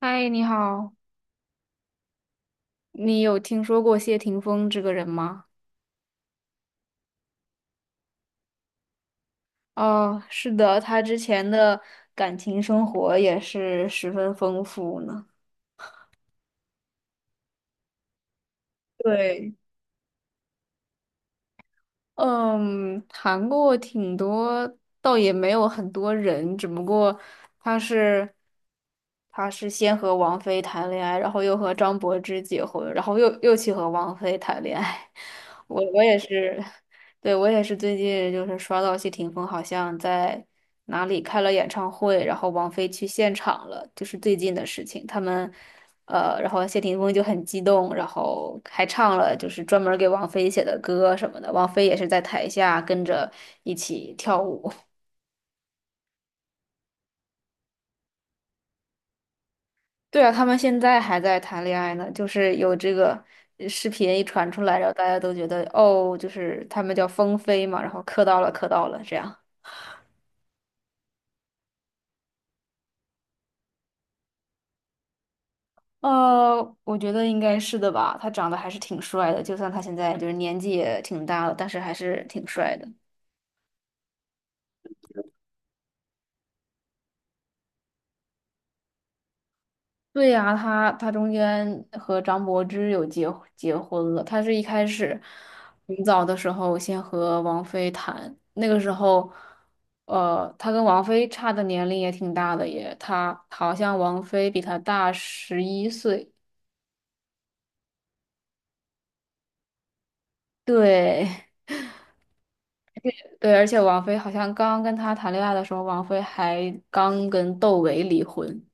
嗨，你好，你有听说过谢霆锋这个人吗？哦，是的，他之前的感情生活也是十分丰富呢。对，嗯，谈过挺多，倒也没有很多人，只不过他是他是先和王菲谈恋爱，然后又和张柏芝结婚，然后又去和王菲谈恋爱。我也是，对，我也是最近就是刷到谢霆锋好像在哪里开了演唱会，然后王菲去现场了，就是最近的事情。他们然后谢霆锋就很激动，然后还唱了就是专门给王菲写的歌什么的，王菲也是在台下跟着一起跳舞。对啊，他们现在还在谈恋爱呢，就是有这个视频一传出来，然后大家都觉得哦，就是他们叫风飞嘛，然后磕到了，磕到了这样。我觉得应该是的吧，他长得还是挺帅的，就算他现在就是年纪也挺大了，但是还是挺帅的。对呀、他中间和张柏芝有结婚了。他是一开始很早的时候先和王菲谈，那个时候，他跟王菲差的年龄也挺大的耶，他好像王菲比他大11岁。对 对，而且王菲好像刚跟他谈恋爱的时候，王菲还刚跟窦唯离婚。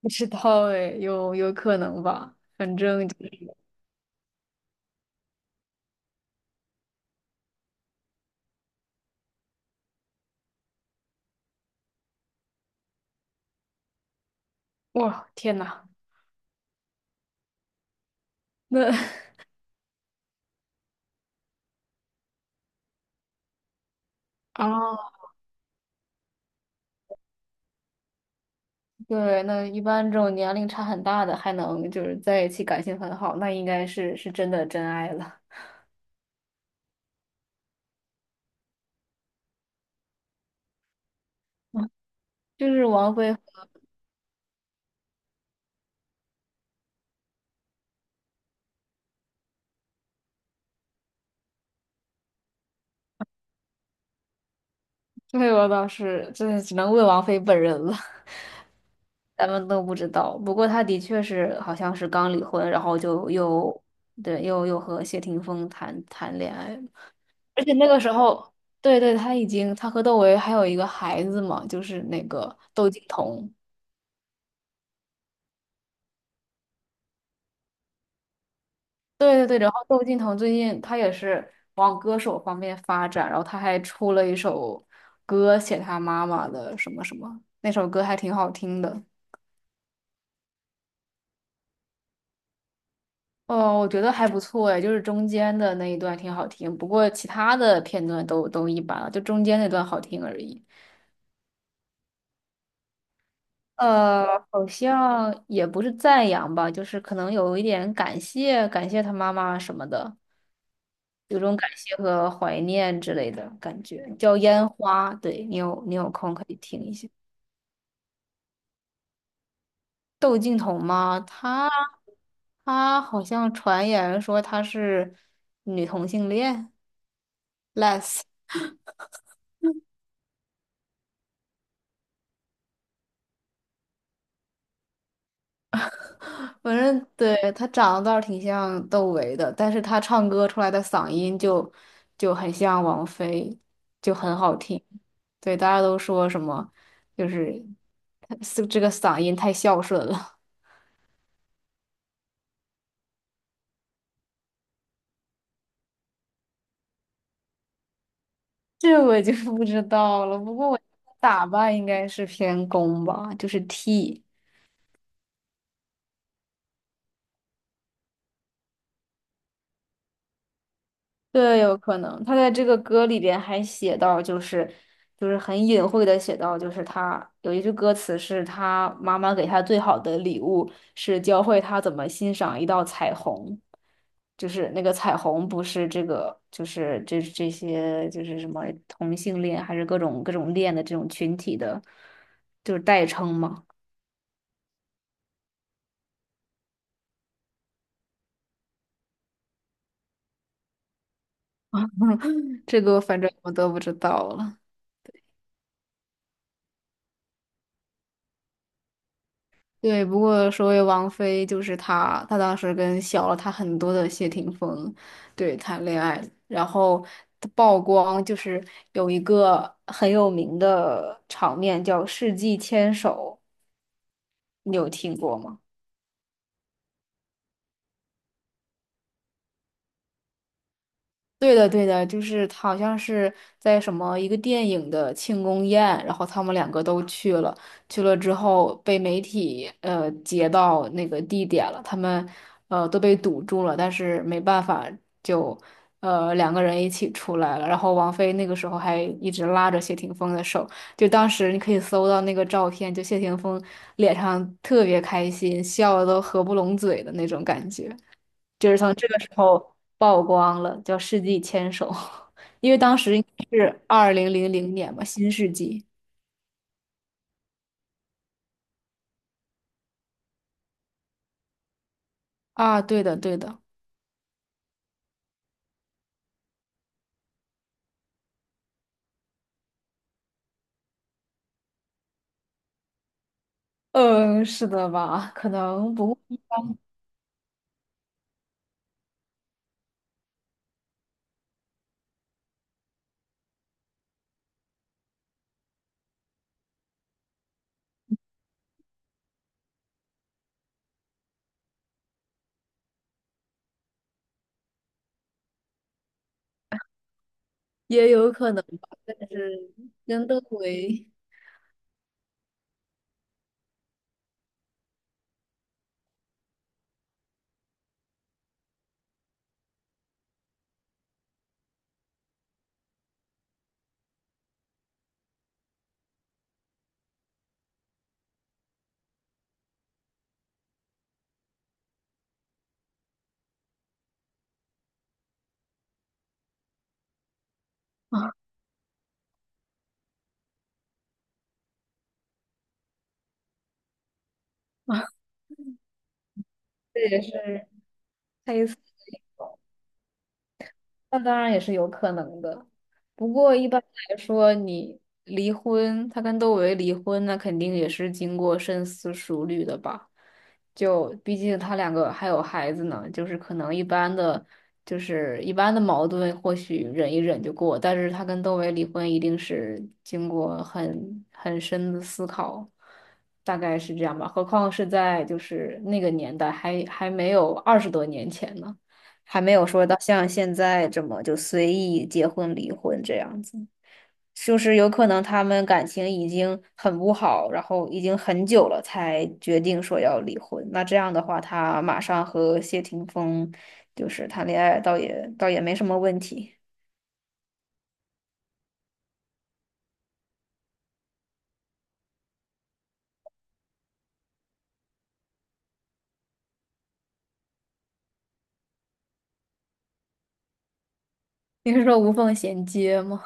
不知道哎，有可能吧，反正就是哇，天呐，那 啊。对，那一般这种年龄差很大的还能就是在一起感情很好，那应该是是真的真爱了。就是王菲，对，我倒是真的只能问王菲本人了，咱们都不知道。不过她的确是好像是刚离婚，然后就又对又和谢霆锋谈恋爱，而且那个时候，对对，她已经她和窦唯还有一个孩子嘛，就是那个窦靖童。对对对，然后窦靖童最近他也是往歌手方面发展，然后他还出了一首歌写他妈妈的什么什么，那首歌还挺好听的。哦，我觉得还不错哎，就是中间的那一段挺好听，不过其他的片段都一般了，就中间那段好听而已。好像也不是赞扬吧，就是可能有一点感谢感谢他妈妈什么的。有种感谢和怀念之类的感觉，叫《烟花》。对，你有空可以听一下。窦靖童吗？她好像传言说她是女同性恋，les。s 反正对她长得倒是挺像窦唯的，但是她唱歌出来的嗓音就很像王菲，就很好听。对，大家都说什么，就是他这个嗓音太孝顺了。这我就 不知道了。不过我打扮应该是偏攻吧，就是 T，对，有可能。他在这个歌里边还写到，就是很隐晦的写到，就是他有一句歌词是他妈妈给他最好的礼物是教会他怎么欣赏一道彩虹，就是那个彩虹不是这个，就是这些就是什么同性恋还是各种恋的这种群体的，就是代称嘛。这个反正我都不知道了。对，不过说回王菲，就是她，她当时跟小了她很多的谢霆锋，对，谈恋爱，然后她曝光就是有一个很有名的场面叫世纪牵手，你有听过吗？对的，对的，就是他好像是在什么一个电影的庆功宴，然后他们两个都去了，去了之后被媒体截到那个地点了，他们都被堵住了，但是没办法就两个人一起出来了，然后王菲那个时候还一直拉着谢霆锋的手，就当时你可以搜到那个照片，就谢霆锋脸上特别开心，笑的都合不拢嘴的那种感觉。就是从这个时候曝光了，叫《世纪牵手》，因为当时应该是2000年嘛，新世纪啊，对的，对的，嗯，是的吧？可能不，也有可能吧，但是真的为 啊，这也是。那当然也是有可能的，不过一般来说，你离婚，他跟窦唯离婚，那肯定也是经过深思熟虑的吧？就毕竟他两个还有孩子呢，就是可能一般的，就是一般的矛盾，或许忍一忍就过，但是他跟窦唯离婚，一定是经过很深的思考，大概是这样吧。何况是在就是那个年代还没有20多年前呢。还没有说到像现在这么就随意结婚离婚这样子，就是有可能他们感情已经很不好，然后已经很久了才决定说要离婚。那这样的话，他马上和谢霆锋就是谈恋爱，倒也没什么问题。你是说无缝衔接吗？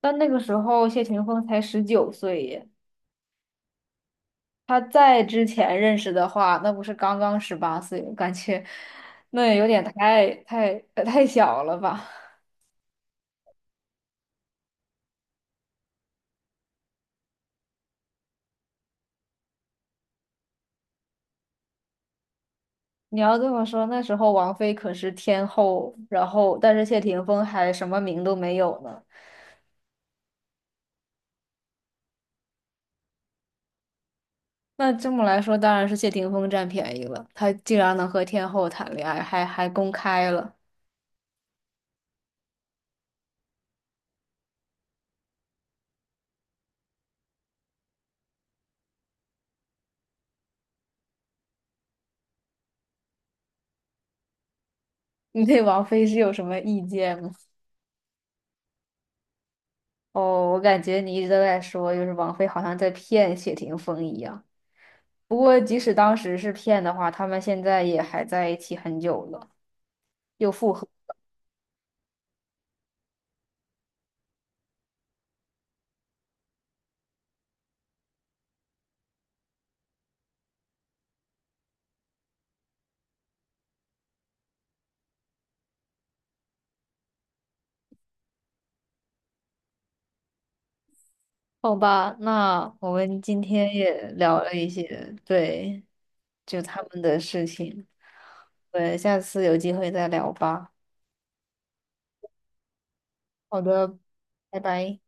但那个时候谢霆锋才19岁耶，他在之前认识的话，那不是刚刚18岁，感觉 那也有点太小了吧。你要这么说，那时候王菲可是天后，然后但是谢霆锋还什么名都没有呢。那这么来说，当然是谢霆锋占便宜了，他竟然能和天后谈恋爱，还公开了。你对王菲是有什么意见吗？哦，我感觉你一直都在说，就是王菲好像在骗谢霆锋一样。不过即使当时是骗的话，他们现在也还在一起很久了，又复合。好吧，那我们今天也聊了一些，对，就他们的事情。对，下次有机会再聊吧。好的，拜拜。